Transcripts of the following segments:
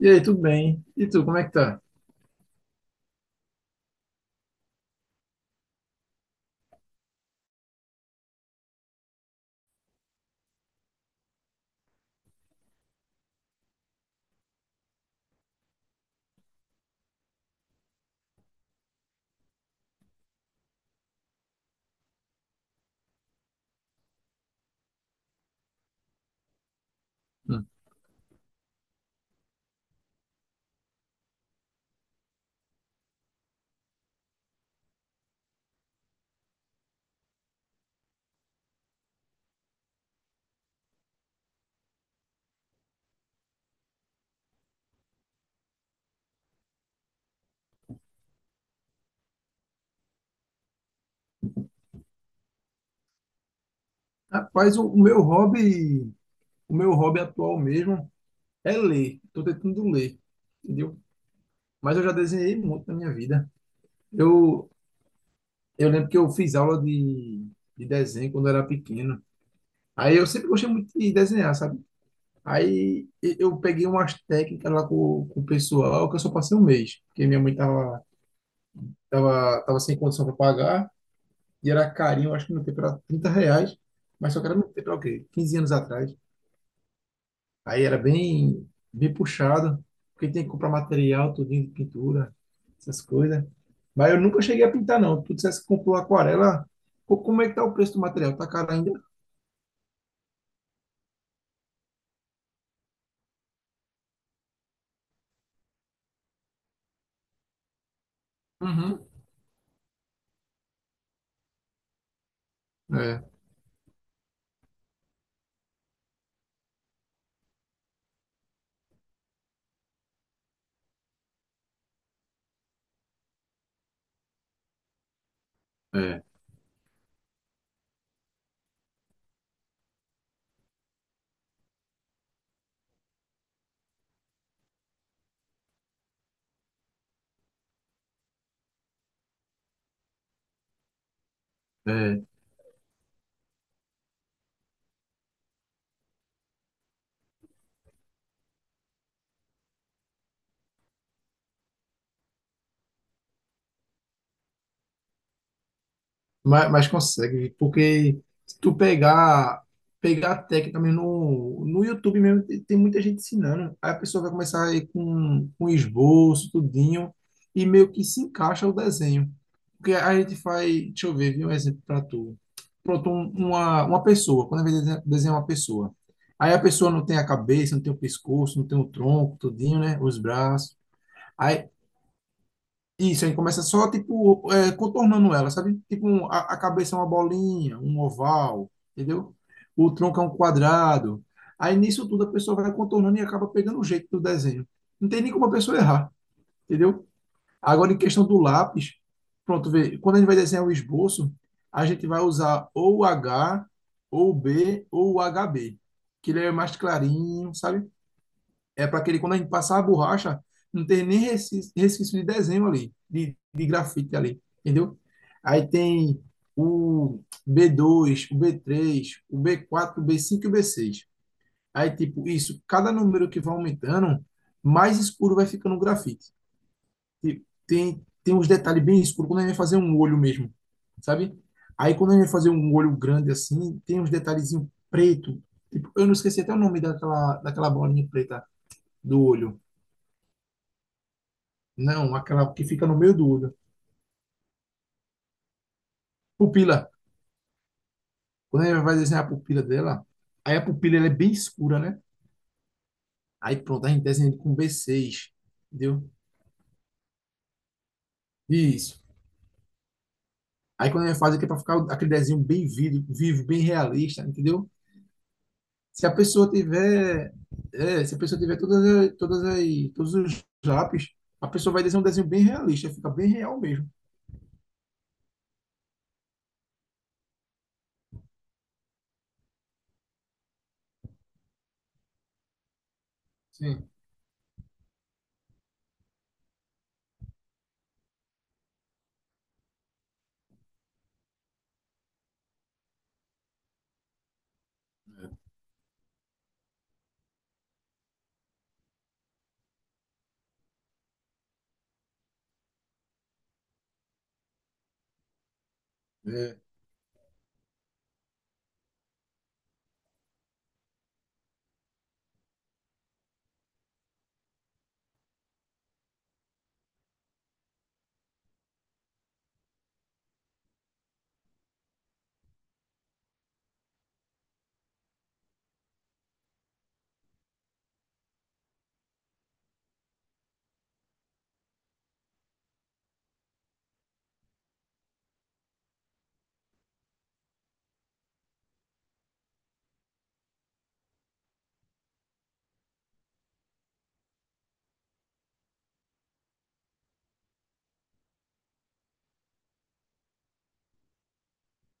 E aí, tudo bem? E tu, como é que tá? Hum. Rapaz, o meu hobby, o meu hobby atual mesmo é ler. Tô tentando ler, entendeu? Mas eu já desenhei muito na minha vida. Eu, eu lembro que eu fiz aula de desenho quando eu era pequeno. Aí eu sempre gostei muito de desenhar, sabe? Aí eu peguei umas técnicas lá com o pessoal, que eu só passei um mês, porque minha mãe tava, tava sem condição para pagar, e era carinho, acho que no tempo era 30 reais, mas só que era no tempo, era o quê? 15 anos atrás. Aí era bem, bem puxado, porque tem que comprar material, tudinho de pintura, essas coisas. Mas eu nunca cheguei a pintar, não. Tu dissesse que comprou aquarela. Pô, como é que tá o preço do material? Tá caro ainda? Uhum. É, é, é. Mas consegue, porque se tu pegar, pegar a técnica mesmo no, no YouTube mesmo, tem, tem muita gente ensinando. Aí a pessoa vai começar aí com esboço, tudinho, e meio que se encaixa o desenho. Porque a gente faz, deixa eu ver, vi um exemplo para tu. Pronto, uma pessoa, quando a gente desenha desenha uma pessoa. Aí a pessoa não tem a cabeça, não tem o pescoço, não tem o tronco, tudinho, né? Os braços. Aí isso, aí começa só, tipo, é, contornando ela, sabe? Tipo, a cabeça é uma bolinha, um oval, entendeu? O tronco é um quadrado. Aí nisso tudo a pessoa vai contornando e acaba pegando o jeito do desenho. Não tem nem como a pessoa errar, entendeu? Agora, em questão do lápis, pronto, vê, quando a gente vai desenhar o esboço, a gente vai usar ou o H, ou o B, ou o H b, que ele é mais clarinho, sabe? É para aquele, quando a gente passar a borracha, não ter nem resquício, resquício de desenho ali, de grafite ali, entendeu? Aí tem o B2, o B3, o B4, o B5 e o B6. Aí, tipo, isso, cada número que vai aumentando, mais escuro vai ficando o grafite. Tipo, tem, tem uns detalhes bem escuros, quando a gente vai fazer um olho mesmo, sabe? Aí, quando a gente vai fazer um olho grande assim, tem uns detalhezinhos preto. Tipo, eu não esqueci até o nome daquela, daquela bolinha preta do olho. Não, aquela que fica no meio do olho. Pupila. Quando a gente vai desenhar a pupila dela, aí a pupila ela é bem escura, né? Aí pronto, a gente desenha com B6, entendeu? Isso. Aí quando a gente faz aqui é para ficar aquele desenho bem vivo, vivo, bem realista, entendeu? Se a pessoa tiver, é, se a pessoa tiver todas, todas as, todos os lápis, a pessoa vai desenhar um desenho bem realista, fica bem real mesmo. Sim. É.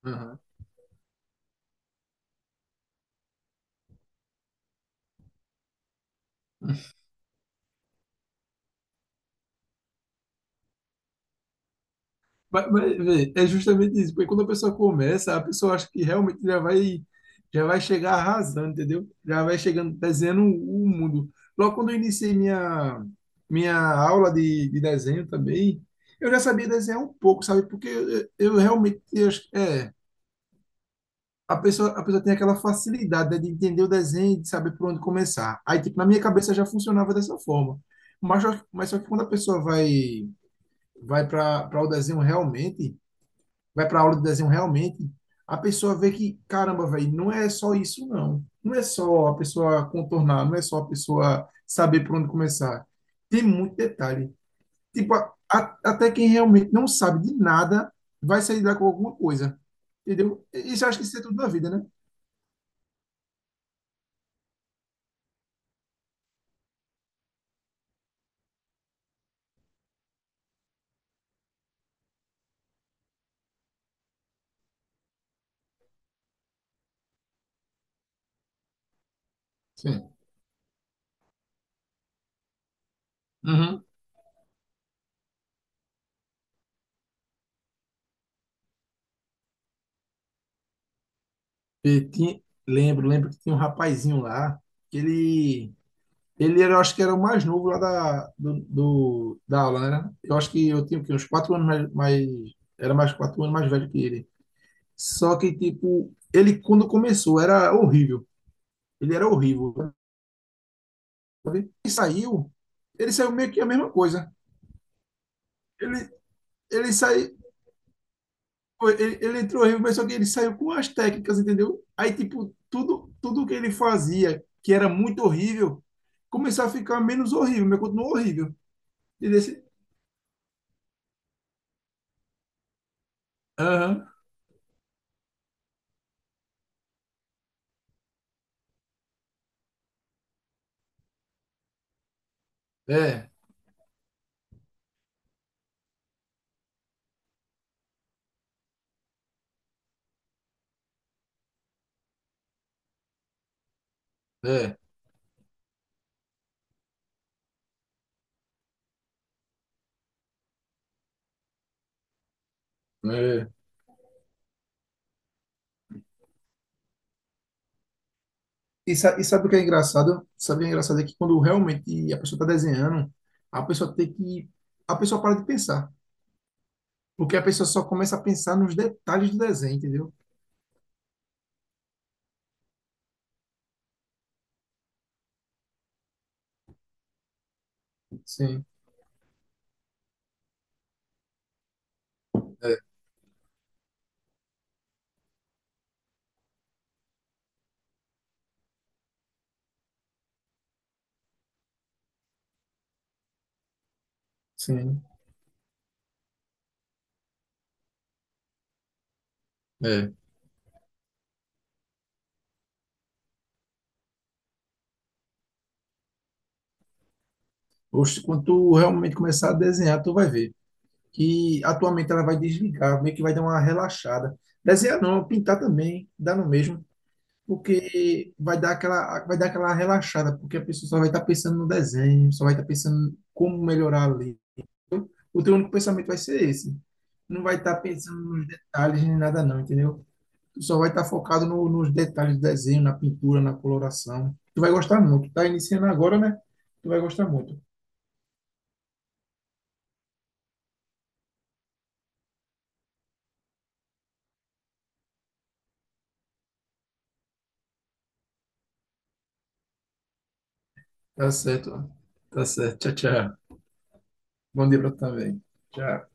Aham. Mas, vê, é justamente isso, porque quando a pessoa começa, a pessoa acha que realmente já vai chegar arrasando, entendeu? Já vai chegando, desenhando o mundo. Logo quando eu iniciei minha, minha aula de desenho também, eu já sabia desenhar um pouco, sabe? Porque eu realmente, é, a pessoa tem aquela facilidade, né, de entender o desenho e de saber por onde começar. Aí, tipo, na minha cabeça já funcionava dessa forma. Mas só que quando a pessoa vai, vai para o desenho realmente, vai para aula de desenho realmente, a pessoa vê que, caramba, velho, não é só isso, não. Não é só a pessoa contornar, não é só a pessoa saber por onde começar. Tem muito detalhe. Tipo, até quem realmente não sabe de nada vai sair daqui com alguma coisa. Entendeu? Isso eu acho que isso é tudo na vida, né? Sim. Uhum. E tinha- lembro, lembro que tinha um rapazinho lá, que ele. Ele era, eu acho que era o mais novo lá da, da aula, né? Né? Eu acho que eu tinha o quê? Uns 4 anos mais, era mais 4 anos mais velho que ele. Só que, tipo, ele quando começou era horrível. Ele era horrível. Sabe? Ele saiu meio que a mesma coisa. Ele, ele saiu, ele, ele entrou horrível, mas só que ele saiu com as técnicas, entendeu? Aí, tipo, tudo, tudo que ele fazia, que era muito horrível, começou a ficar menos horrível, mas continuou horrível. E desse, aham, é, é. É, e, e sabe o que é engraçado? Sabe o que é engraçado é que quando realmente a pessoa está desenhando, a pessoa tem que. A pessoa para de pensar. Porque a pessoa só começa a pensar nos detalhes do desenho, entendeu? Sim, é, sim, é. Oxe, quando tu realmente começar a desenhar, tu vai ver que a tua mente ela vai desligar, meio que vai dar uma relaxada. Desenhar não, pintar também, dá no mesmo, porque vai dar aquela relaxada, porque a pessoa só vai estar pensando no desenho, só vai estar pensando como melhorar ali. O teu único pensamento vai ser esse. Não vai estar pensando nos detalhes nem nada não, entendeu? Tu só vai estar focado nos detalhes do desenho, na pintura, na coloração. Tu vai gostar muito. Tá iniciando agora, né? Tu vai gostar muito. Tá certo. Tá certo. Tchau, tchau. Bom dia pra tu também. Tchau.